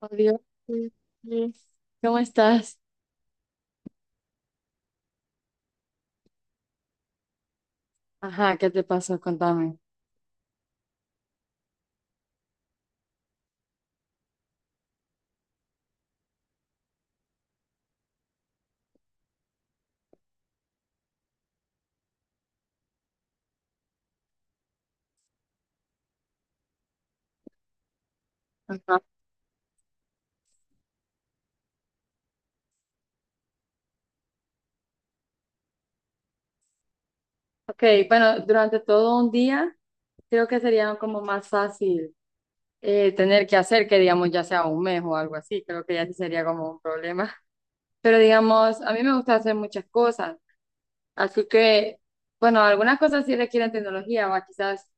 Oh, Dios. Mm. ¿Cómo estás? Ajá, ¿qué te pasó? Contame. Ajá. Ok, bueno, durante todo un día creo que sería como más fácil tener que hacer que digamos ya sea un mes o algo así, creo que ya sí sería como un problema. Pero digamos, a mí me gusta hacer muchas cosas, así que, bueno, algunas cosas sí requieren tecnología, o quizás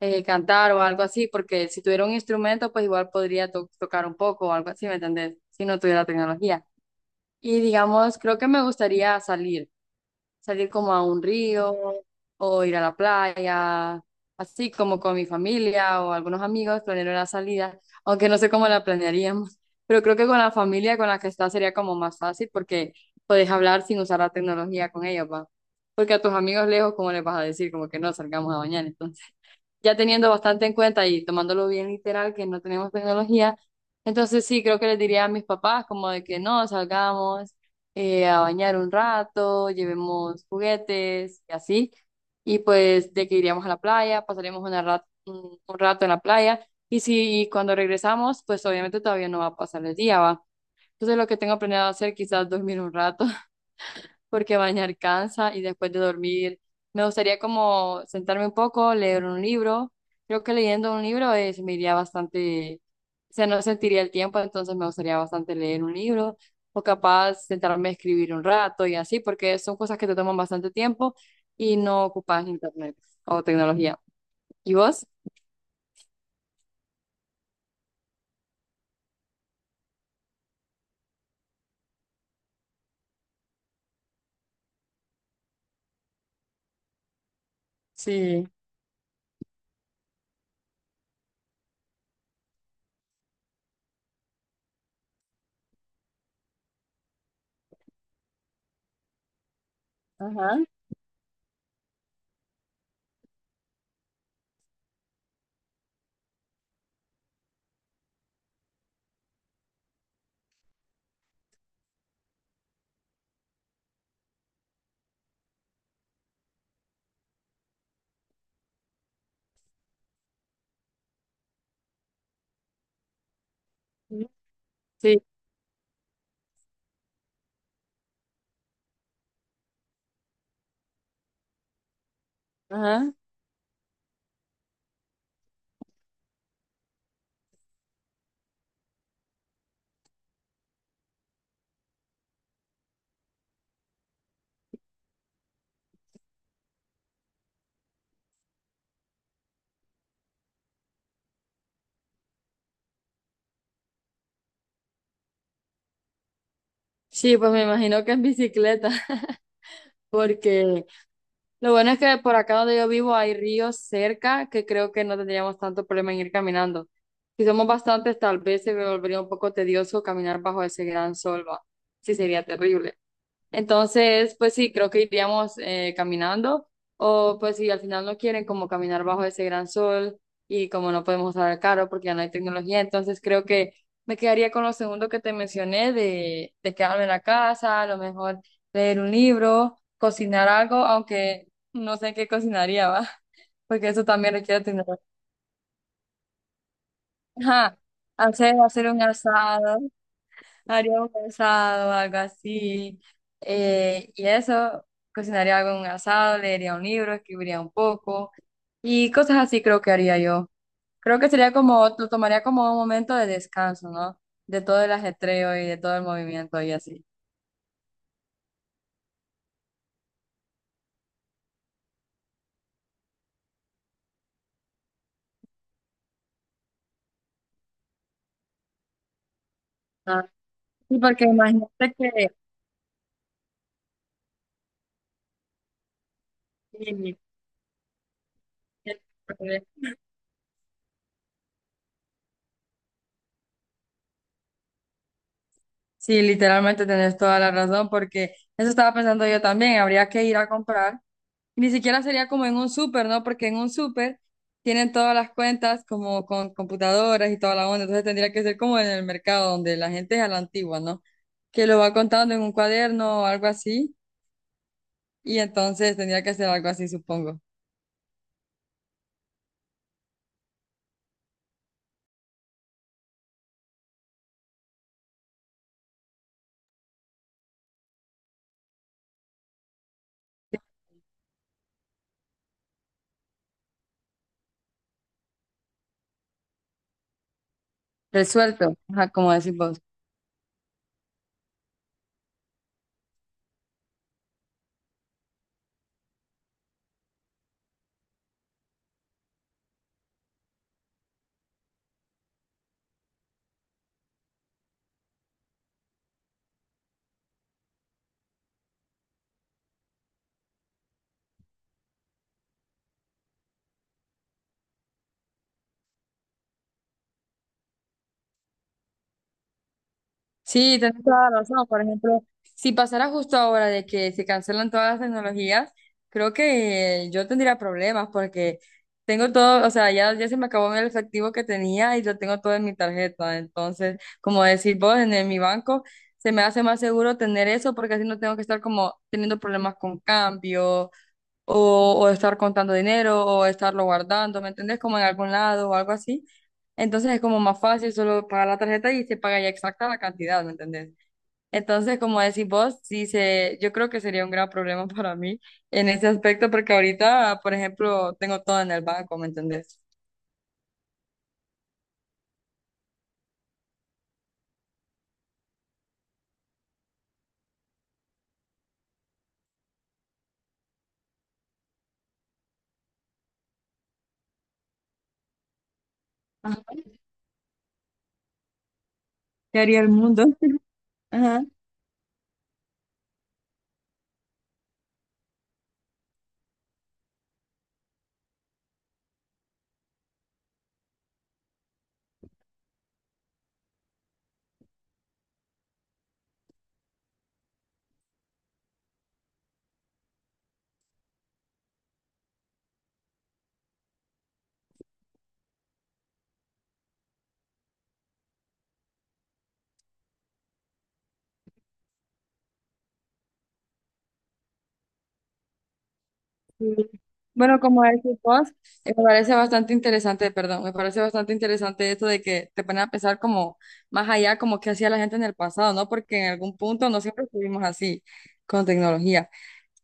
cantar o algo así, porque si tuviera un instrumento, pues igual podría tocar un poco o algo así, ¿me entendés? Si no tuviera tecnología. Y digamos, creo que me gustaría salir, salir como a un río o ir a la playa, así como con mi familia o algunos amigos, planear una salida, aunque no sé cómo la planearíamos, pero creo que con la familia con la que estás sería como más fácil porque puedes hablar sin usar la tecnología con ellos, ¿va? Porque a tus amigos lejos, ¿cómo les vas a decir? Como que no salgamos a bañar, entonces ya teniendo bastante en cuenta y tomándolo bien literal que no tenemos tecnología, entonces sí, creo que les diría a mis papás como de que no, salgamos a bañar un rato, llevemos juguetes y así, y pues de que iríamos a la playa, pasaríamos una un, rato en la playa, y si cuando regresamos, pues obviamente todavía no va a pasar el día, ¿va? Entonces lo que tengo planeado hacer quizás dormir un rato porque bañar cansa y después de dormir me gustaría como sentarme un poco, leer un libro. Creo que leyendo un libro es, me iría bastante, o sea, no sentiría el tiempo, entonces me gustaría bastante leer un libro o capaz sentarme a escribir un rato y así, porque son cosas que te toman bastante tiempo y no ocupas internet o tecnología. ¿Y vos? Sí, ajá, sí, ajá. Sí, pues me imagino que en bicicleta, porque lo bueno es que por acá donde yo vivo hay ríos cerca que creo que no tendríamos tanto problema en ir caminando. Si somos bastantes, tal vez se volvería un poco tedioso caminar bajo ese gran sol, va. Sí, sería terrible. Entonces, pues sí, creo que iríamos caminando o pues si al final no quieren como caminar bajo ese gran sol y como no podemos usar el carro porque ya no hay tecnología, entonces creo que me quedaría con lo segundo que te mencioné de quedarme en la casa, a lo mejor leer un libro, cocinar algo, aunque no sé qué cocinaría, ¿va? Porque eso también requiere tecnología. Ajá, hacer un asado. Haría un asado, algo así. Y eso, cocinaría algo en un asado, leería un libro, escribiría un poco y cosas así creo que haría yo. Creo que sería como, lo tomaría como un momento de descanso, ¿no? De todo el ajetreo y de todo el movimiento y así. Ah, sí, porque imagínate que... sí, sí, literalmente tenés toda la razón, porque eso estaba pensando yo también. Habría que ir a comprar. Ni siquiera sería como en un súper, ¿no? Porque en un súper tienen todas las cuentas como con computadoras y toda la onda. Entonces tendría que ser como en el mercado donde la gente es a la antigua, ¿no? Que lo va contando en un cuaderno o algo así. Y entonces tendría que ser algo así, supongo. Resuelto, ajá, como decimos. Sí, tienes toda la razón. Por ejemplo, si pasara justo ahora de que se cancelan todas las tecnologías, creo que yo tendría problemas porque tengo todo, o sea, ya se me acabó el efectivo que tenía y lo tengo todo en mi tarjeta. Entonces, como decir vos, en, mi banco se me hace más seguro tener eso porque así no tengo que estar como teniendo problemas con cambio o estar contando dinero o estarlo guardando, ¿me entendés? Como en algún lado o algo así. Entonces es como más fácil solo pagar la tarjeta y se paga ya exacta la cantidad, ¿me entendés? Entonces, como decís vos, sí se, yo creo que sería un gran problema para mí en ese aspecto porque ahorita, por ejemplo, tengo todo en el banco, ¿me entendés? Ajá. ¿Qué haría el mundo? Ajá. Sí. Bueno, como decís vos, me parece bastante interesante, perdón, me parece bastante interesante esto de que te ponen a pensar como más allá, como qué hacía la gente en el pasado, ¿no? Porque en algún punto no siempre estuvimos así con tecnología.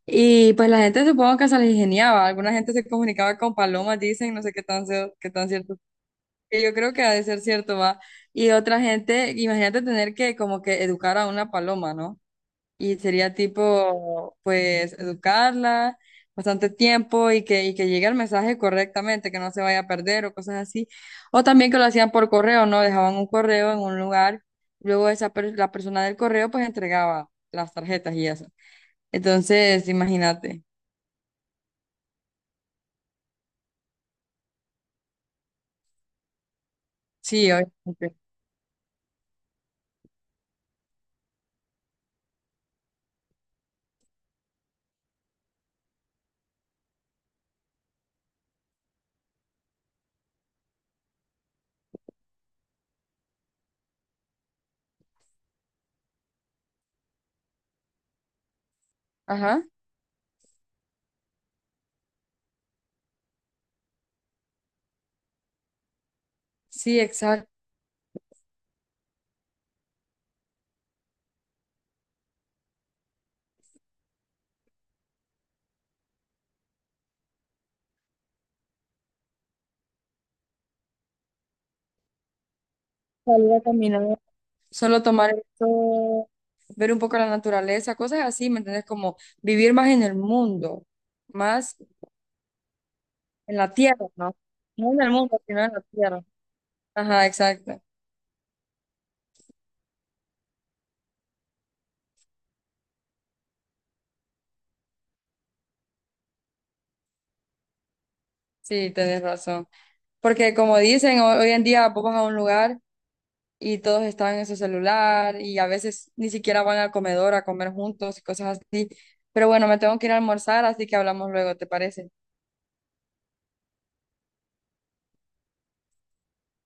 Y pues la gente supongo que se les ingeniaba, alguna gente se comunicaba con palomas, dicen, no sé qué tan, qué tan cierto. Que yo creo que ha de ser cierto, va. Y otra gente, imagínate tener que como que educar a una paloma, ¿no? Y sería tipo, pues, educarla bastante tiempo y que llegue el mensaje correctamente, que no se vaya a perder o cosas así. O también que lo hacían por correo, ¿no? Dejaban un correo en un lugar, luego esa la persona del correo pues entregaba las tarjetas y eso. Entonces, imagínate. Sí, obviamente. Ajá. Sí, exacto. Salir a caminar. Solo tomar el sol, ver un poco la naturaleza, cosas así, ¿me entiendes? Como vivir más en el mundo, más en la tierra, ¿no? No en el mundo, sino en la tierra. Ajá, exacto. Sí, tenés razón. Porque como dicen, hoy en día vos vas a un lugar y todos están en su celular y a veces ni siquiera van al comedor a comer juntos y cosas así. Pero bueno, me tengo que ir a almorzar, así que hablamos luego, ¿te parece?